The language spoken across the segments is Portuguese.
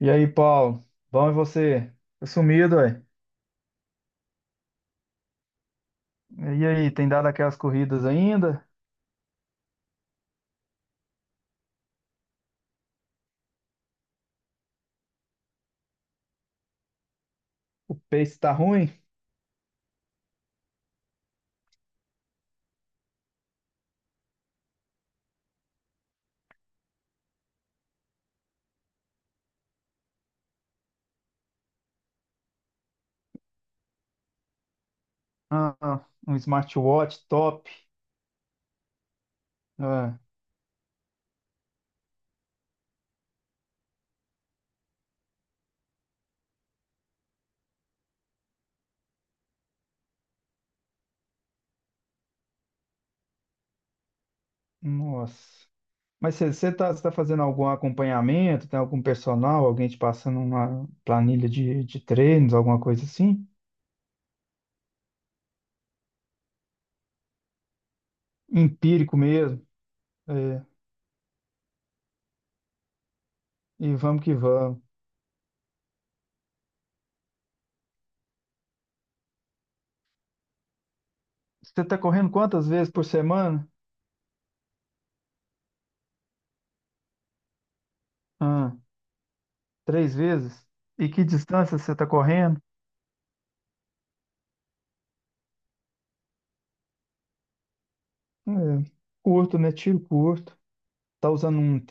E aí, Paulo? Bom, e você? Tá sumido, ué. E aí, tem dado aquelas corridas ainda? O pace tá ruim? Ah, um smartwatch top. Ah, nossa. Mas você tá fazendo algum acompanhamento? Tem algum personal? Alguém te passando uma planilha de treinos, alguma coisa assim? Empírico mesmo. É, e vamos que vamos. Você tá correndo quantas vezes por semana? Ah, três vezes? E que distância você tá correndo? É, curto, né? Tiro curto. Tá usando um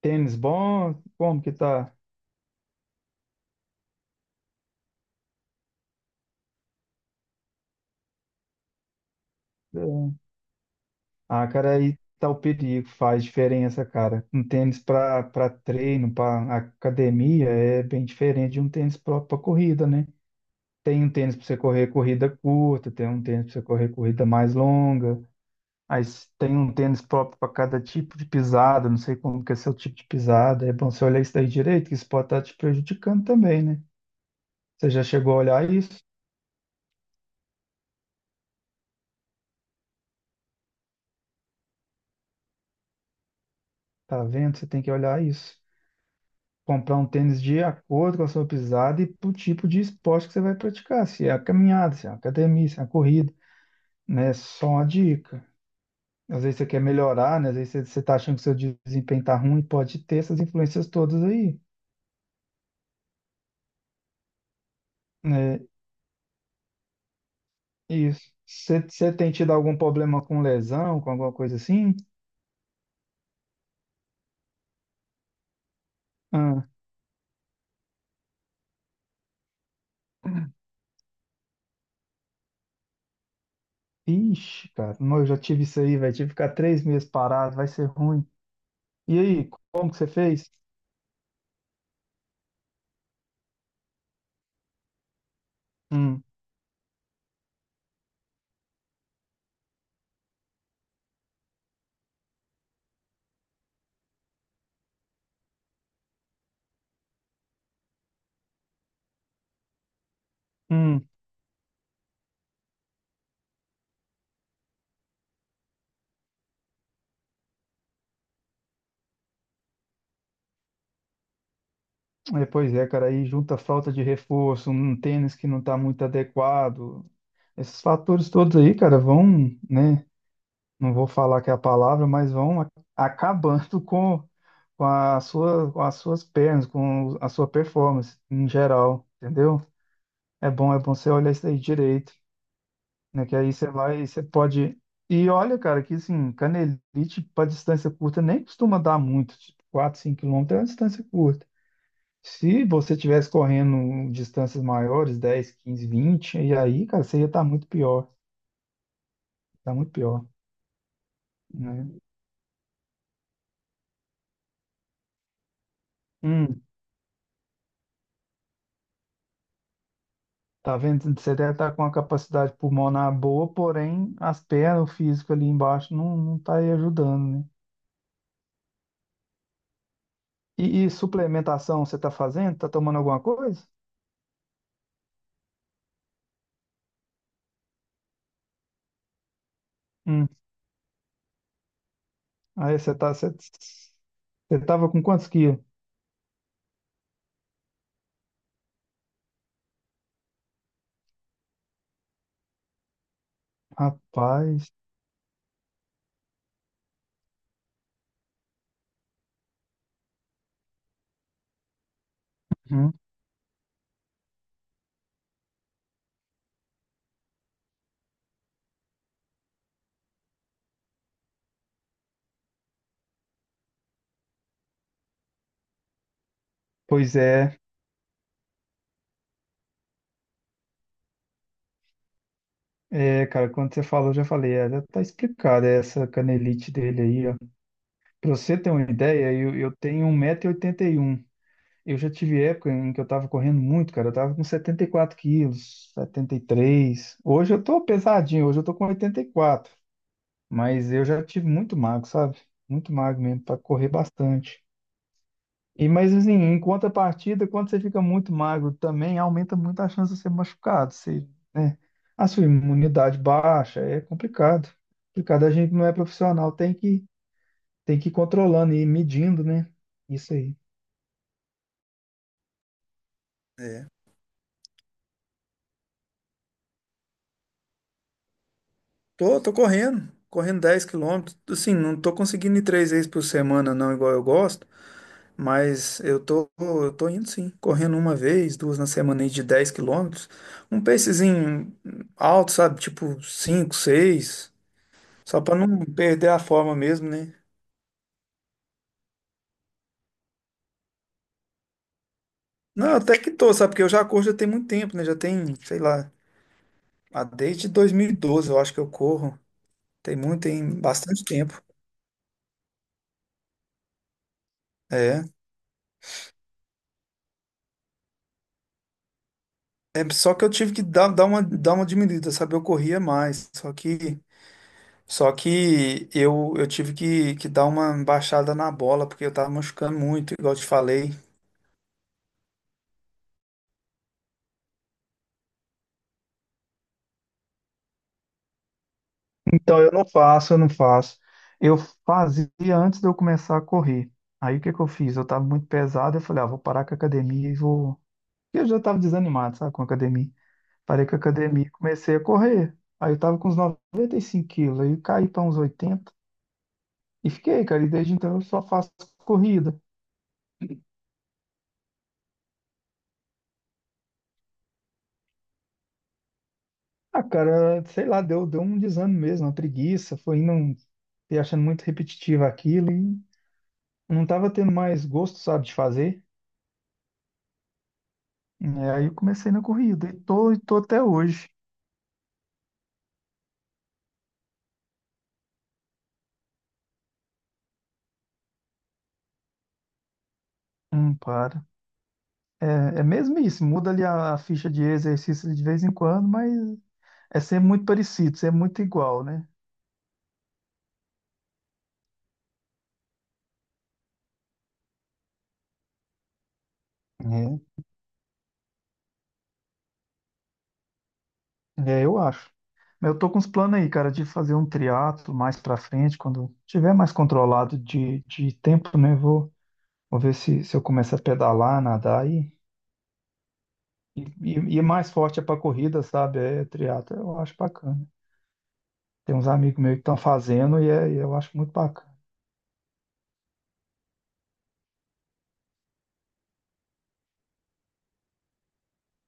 tênis bom? Como que tá? Ah, cara, aí tá o perigo, faz diferença, cara. Um tênis pra treino, pra academia, é bem diferente de um tênis próprio pra corrida, né? Tem um tênis pra você correr corrida curta, tem um tênis pra você correr corrida mais longa. Aí tem um tênis próprio pra cada tipo de pisada, não sei como que é seu tipo de pisada. É bom você olhar isso daí direito, que isso pode estar te prejudicando também, né? Você já chegou a olhar isso? Tá vendo? Você tem que olhar isso. Comprar um tênis de acordo com a sua pisada e pro tipo de esporte que você vai praticar, se é a caminhada, se é a academia, se é a corrida, né? Só uma dica. Às vezes você quer melhorar, né? Às vezes você tá achando que seu desempenho tá ruim, pode ter essas influências todas aí, né? Isso. Você tem tido algum problema com lesão, com alguma coisa assim? Ah, ixi, cara, não, eu já tive isso aí, velho. Tive que ficar 3 meses parado, vai ser ruim. E aí, como que você fez? Hum, hum. É, pois é, cara, aí junta a falta de reforço, um tênis que não está muito adequado. Esses fatores todos aí, cara, vão, né? Não vou falar que é a palavra, mas vão acabando com a sua, com as suas pernas, com a sua performance em geral, entendeu? É bom você olhar isso aí direito, né? Que aí você vai, você pode. E olha, cara, que assim, canelite para distância curta nem costuma dar muito, tipo 4, 5 quilômetros é uma distância curta. Se você tivesse correndo distâncias maiores, 10, 15, 20 e aí, cara, você ia estar muito pior, tá muito pior, né? Hum, tá vendo? Você deve estar com uma capacidade pulmonar boa, porém as pernas, o físico ali embaixo não, não tá aí ajudando, né? E suplementação você tá fazendo? Tá tomando alguma coisa? Hum, aí você tava com quantos quilos? Rapaz, hum, pois é, cara, quando você falou, eu já falei, é, já tá explicado essa canelite dele aí. Para você ter uma ideia, eu tenho 1,81 m. Eu já tive época em que eu estava correndo muito, cara. Eu estava com 74 quilos, 73. Hoje eu estou pesadinho, hoje eu estou com 84. Mas eu já tive muito magro, sabe? Muito magro mesmo, para correr bastante. E mas assim, em contrapartida, quando você fica muito magro também, aumenta muito a chance de ser machucado. Você, né? A sua imunidade baixa, é complicado. Complicado, a gente não é profissional, tem que ir controlando e medindo, né? Isso aí. É. Tô correndo, 10 quilômetros. Assim, não tô conseguindo ir três vezes por semana, não, igual eu gosto, mas eu tô indo sim, correndo uma vez, duas na semana aí de 10 quilômetros. Um pacezinho alto, sabe? Tipo 5, 6, só pra não perder a forma mesmo, né? Não, até que tô, sabe? Porque eu já corro já tem muito tempo, né? Já tem, sei lá, ah, desde 2012, eu acho que eu corro. Tem muito, tem bastante tempo. É. É, só que eu tive que dar, dar uma diminuída, sabe? Eu corria mais, só que eu tive que dar uma baixada na bola, porque eu tava machucando muito, igual eu te falei. Então eu não faço, eu não faço. Eu fazia antes de eu começar a correr. Aí o que que eu fiz? Eu tava muito pesado, eu falei, ah, vou parar com a academia e vou. Eu já tava desanimado, sabe, com a academia. Parei com a academia e comecei a correr. Aí eu tava com uns 95 quilos, aí eu caí para uns 80 e fiquei, cara. E desde então eu só faço corrida. Ah, cara, sei lá, deu um desânimo mesmo, uma preguiça, foi indo e achando muito repetitivo aquilo e não tava tendo mais gosto, sabe, de fazer. É, aí eu comecei na corrida e tô até hoje. Não para. É, é mesmo isso, muda ali a ficha de exercício de vez em quando, mas é sempre muito parecido, sempre muito igual, né? É, eu acho. Mas eu tô com uns planos aí, cara, de fazer um triatlo mais pra frente, quando tiver mais controlado de tempo, né? Vou ver se eu começo a pedalar, nadar e é mais forte é para corrida, sabe? É triatlo, eu acho bacana. Tem uns amigos meus que estão fazendo e, e eu acho muito bacana.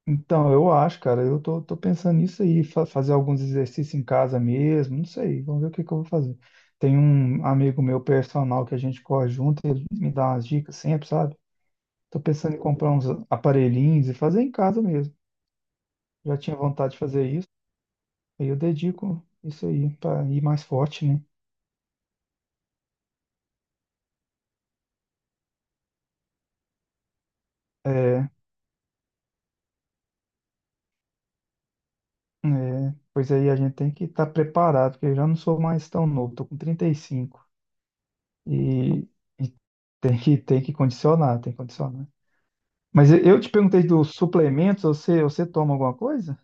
Então, eu acho, cara, eu tô pensando nisso aí, fazer alguns exercícios em casa mesmo, não sei, vamos ver o que que eu vou fazer. Tem um amigo meu personal que a gente corre junto, ele me dá umas dicas sempre, sabe? Tô pensando em comprar uns aparelhinhos e fazer em casa mesmo. Já tinha vontade de fazer isso, aí eu dedico isso aí para ir mais forte, né? É, é, pois aí a gente tem que estar preparado, porque eu já não sou mais tão novo, tô com 35 e, cinco e tem que condicionar, tem que condicionar. Mas eu te perguntei dos suplementos, você toma alguma coisa?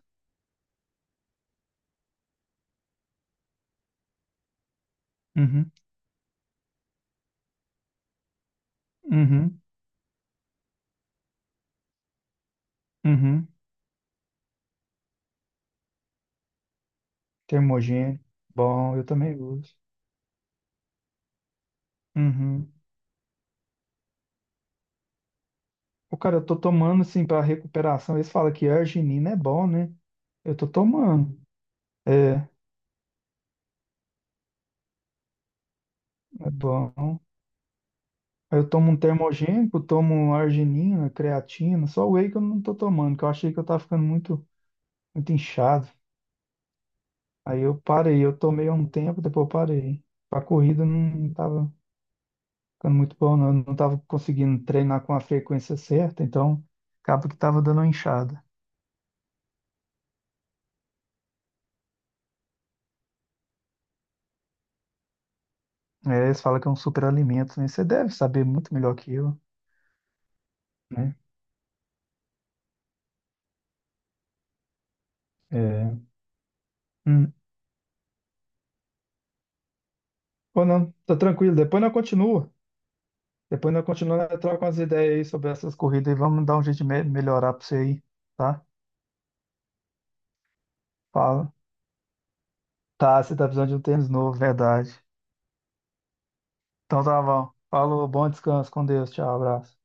Uhum, uhum, uhum. Termogênico, bom, eu também uso. Uhum. O cara, eu tô tomando assim para recuperação, eles falam que arginina é bom, né? Eu tô tomando, é, é bom. Aí eu tomo um termogênico, tomo um arginina, creatina, só whey que eu não tô tomando, que eu achei que eu tava ficando muito, muito inchado. Aí eu parei, eu tomei há um tempo, depois eu parei. Pra corrida não tava ficando muito bom, não. Eu não tava conseguindo treinar com a frequência certa, então acaba que tava dando uma inchada. É, eles falam que é um superalimento, né? Você deve saber muito melhor que eu, né? É. Hum. Ou não, tá tranquilo, depois nós continua. Depois nós continuamos, nós troca umas ideias aí sobre essas corridas e vamos dar um jeito de melhorar pra você aí. Tá? Fala. Tá, você tá precisando de um tênis novo, verdade. Então tá bom. Falou, bom descanso, com Deus, tchau, abraço.